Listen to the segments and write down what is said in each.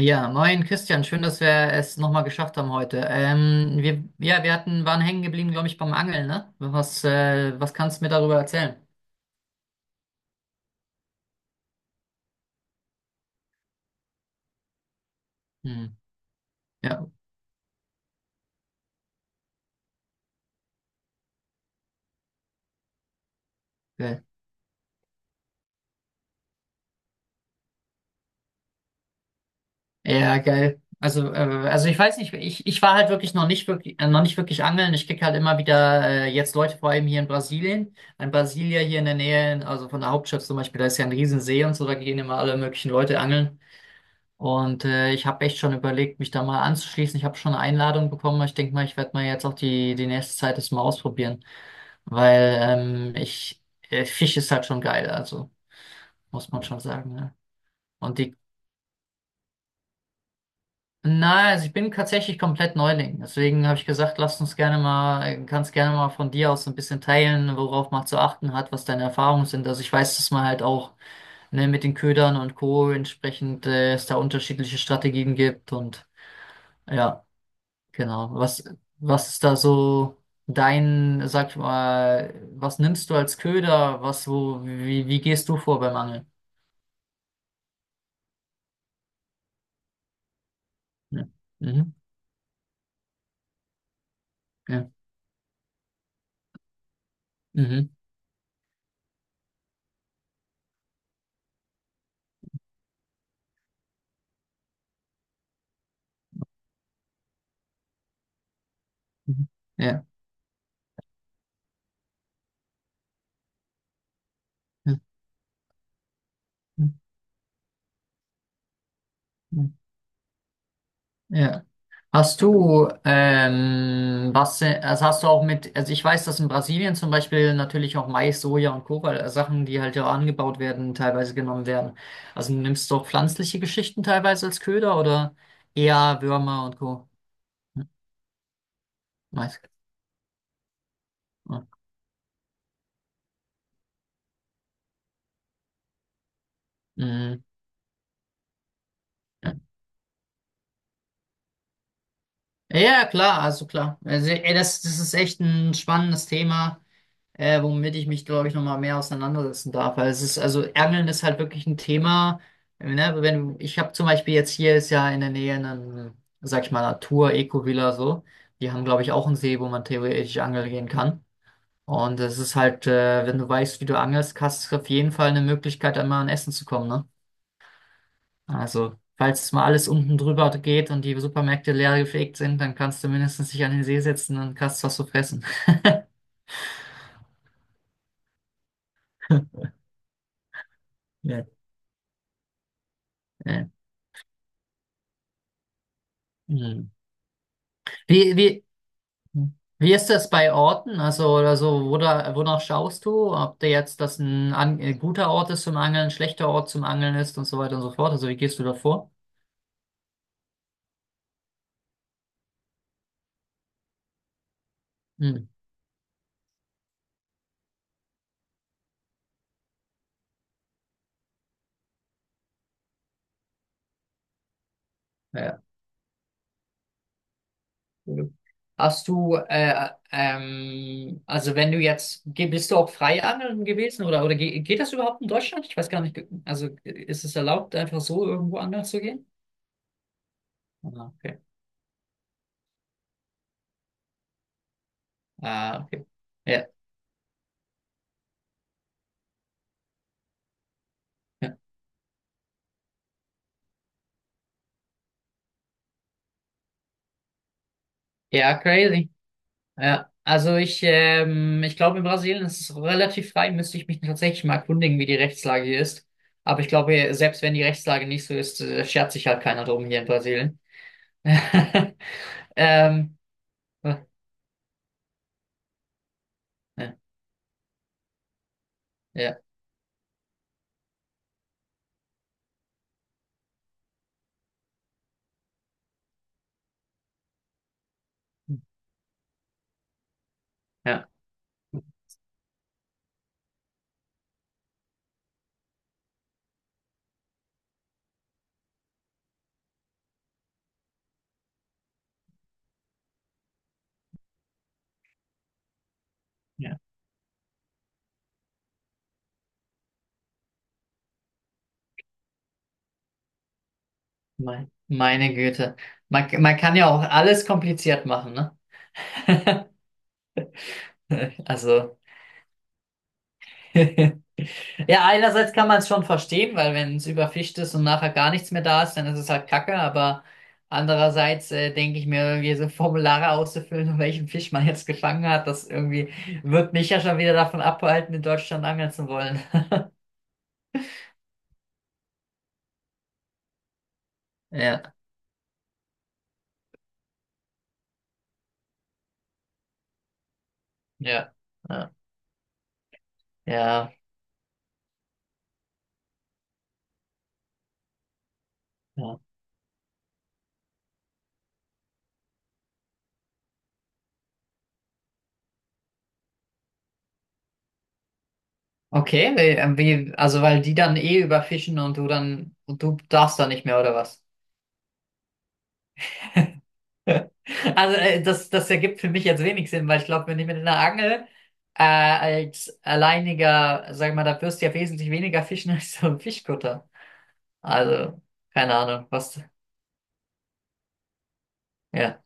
Ja, moin Christian, schön, dass wir es nochmal geschafft haben heute. Ja, waren hängen geblieben, glaube ich, beim Angeln, ne? Was kannst du mir darüber erzählen? Hm, ja, geil. Ja, geil. Also ich weiß nicht, ich war halt wirklich noch nicht wirklich, noch nicht wirklich angeln. Ich krieg halt immer wieder jetzt Leute, vor allem hier in Brasilien, in Brasilia hier in der Nähe, also von der Hauptstadt zum Beispiel, da ist ja ein Riesensee und so, da gehen immer alle möglichen Leute angeln. Und ich habe echt schon überlegt, mich da mal anzuschließen. Ich habe schon eine Einladung bekommen. Ich denke mal, ich werde mal jetzt auch die nächste Zeit das mal ausprobieren, weil ich Fisch ist halt schon geil, also muss man schon sagen. Ne? Und die, na, also ich bin tatsächlich komplett Neuling. Deswegen habe ich gesagt, lass uns gerne mal, kannst gerne mal von dir aus so ein bisschen teilen, worauf man zu achten hat, was deine Erfahrungen sind. Also ich weiß, dass man halt auch ne, mit den Ködern und Co. entsprechend es da unterschiedliche Strategien gibt und ja. Genau. Was ist da so dein, sag ich mal, was nimmst du als Köder? Wie gehst du vor beim Angeln? Ja. Mhm. Ja. Mhm. Mhm. Ja. Ja. Mhm. Mhm. Ja. Hast du, also hast du auch mit, also ich weiß, dass in Brasilien zum Beispiel natürlich auch Mais, Soja und Kobalt, Sachen, die halt ja angebaut werden, teilweise genommen werden. Also nimmst du auch pflanzliche Geschichten teilweise als Köder oder eher Würmer und Co. Hm, Mais. Ja. Mhm. Ja, ja, klar. Also, ey, das ist echt ein spannendes Thema, womit ich mich, glaube ich, nochmal mehr auseinandersetzen darf. Weil es ist, also Angeln ist halt wirklich ein Thema. Ne? Wenn, ich habe zum Beispiel jetzt hier ist ja in der Nähe eine, sag ich mal, Natur-Eco-Villa so. Die haben, glaube ich, auch einen See, wo man theoretisch angeln gehen kann. Und es ist halt, wenn du weißt, wie du angelst, hast du auf jeden Fall eine Möglichkeit, einmal an Essen zu kommen, ne? Also, falls mal alles unten drüber geht und die Supermärkte leer gefegt sind, dann kannst du mindestens dich an den See setzen und kannst was zu fressen. Ja. Äh, hm. Wie, wie, wie ist das bei Orten? Also, oder so, wo da, wonach schaust du? Ob der jetzt ein guter Ort ist zum Angeln, ein schlechter Ort zum Angeln ist und so weiter und so fort. Also, wie gehst du da vor? Hm. Ja, cool. Hast du, also wenn du jetzt, bist du auch Freiangeln gewesen oder ge geht das überhaupt in Deutschland? Ich weiß gar nicht, also ist es erlaubt, einfach so irgendwo angeln zu gehen? Ah, okay. Ah, okay. Ja, ja, ja, crazy. Ja, also ich, ich glaube, in Brasilien ist es relativ frei, müsste ich mich tatsächlich mal erkundigen, wie die Rechtslage hier ist. Aber ich glaube, selbst wenn die Rechtslage nicht so ist, schert sich halt keiner drum hier in Brasilien. Ähm, ja. Ja. Ja, ja. Meine Güte. Man kann ja auch alles kompliziert machen, ne? Also, ja, einerseits kann man es schon verstehen, weil wenn es überfischt ist und nachher gar nichts mehr da ist, dann ist es halt Kacke, aber andererseits denke ich mir, irgendwie so Formulare auszufüllen, um welchen Fisch man jetzt gefangen hat, das irgendwie wird mich ja schon wieder davon abhalten, in Deutschland angeln zu wollen. Ja, ja, ja, ja. Ja. Okay, wie, also weil die dann eh überfischen und du dann, und du darfst da nicht mehr, oder was? Also das ergibt für mich jetzt wenig Sinn, weil ich glaube, wenn ich mit einer Angel als alleiniger, sag mal, da wirst du ja wesentlich weniger fischen als so ein Fischkutter. Also, keine Ahnung, was, ja.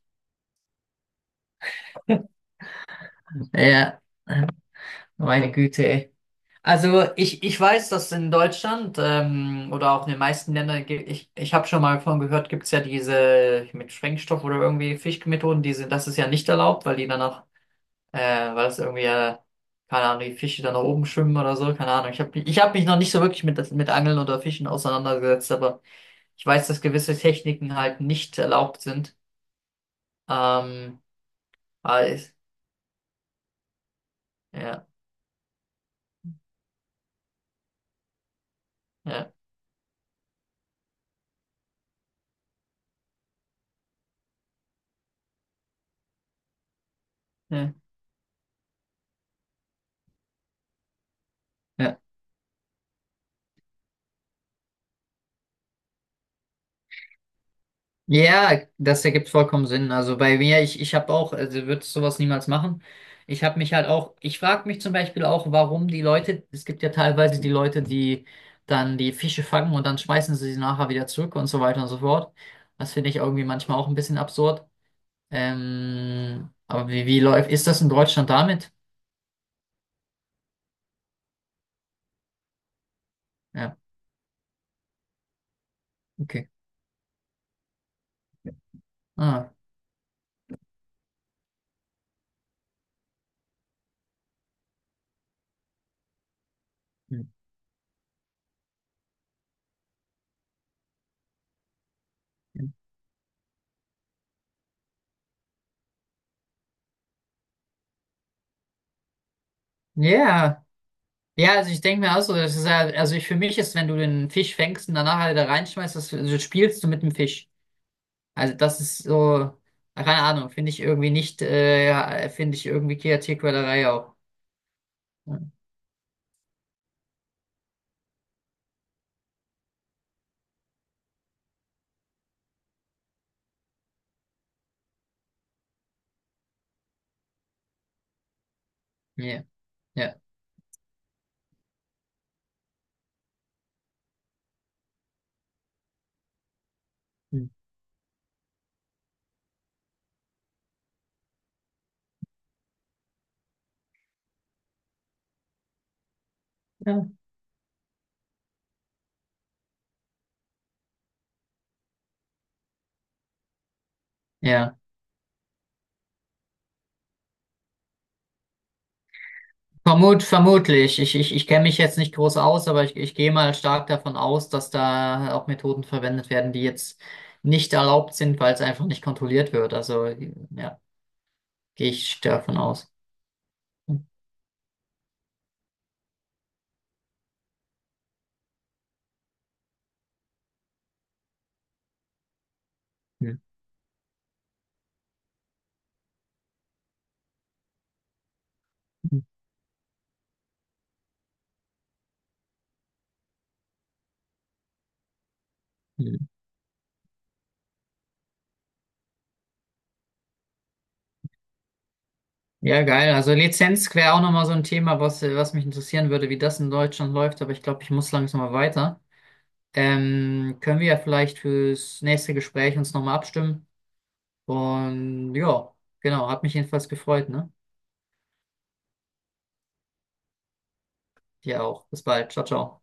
Ja, meine Güte, ey. Also ich weiß, dass in Deutschland oder auch in den meisten Ländern, ich habe schon mal davon gehört, gibt es ja diese mit Sprengstoff oder irgendwie Fischmethoden, die sind, das ist ja nicht erlaubt, weil die danach, weil es irgendwie, keine Ahnung, die Fische dann nach oben schwimmen oder so, keine Ahnung. Ich hab mich noch nicht so wirklich mit Angeln oder Fischen auseinandergesetzt, aber ich weiß, dass gewisse Techniken halt nicht erlaubt sind. Ähm, aber ich, ja, ja, ja. Ja. Ja, das ergibt vollkommen Sinn. Also bei mir, ich habe auch, also würde sowas niemals machen. Ich habe mich halt auch, ich frage mich zum Beispiel auch, warum die Leute, es gibt ja teilweise die Leute, die dann die Fische fangen und dann schmeißen sie sie nachher wieder zurück und so weiter und so fort. Das finde ich irgendwie manchmal auch ein bisschen absurd. Aber wie läuft, ist das in Deutschland damit? Ja, okay. Ah. Hm, hm. Ja, ja, also ich denke mir auch so, das ist ja, also ich, für mich ist, wenn du den Fisch fängst und danach halt da reinschmeißt, das, also spielst du mit dem Fisch. Also das ist so, keine Ahnung, finde ich irgendwie nicht, ja, finde ich irgendwie Kreativquälerei auch. Ja, ja, ja. Hm. Ja. Ja. Vermutlich. Ich kenne mich jetzt nicht groß aus, aber ich gehe mal stark davon aus, dass da auch Methoden verwendet werden, die jetzt nicht erlaubt sind, weil es einfach nicht kontrolliert wird. Also ja, gehe ich davon aus. Hm. Hm. Hm. Ja, geil. Also Lizenz wäre auch nochmal so ein Thema, was mich interessieren würde, wie das in Deutschland läuft, aber ich glaube, ich muss langsam mal weiter. Können wir ja vielleicht fürs nächste Gespräch uns nochmal abstimmen. Und ja, genau, hat mich jedenfalls gefreut, ne? Dir auch. Bis bald. Ciao, ciao.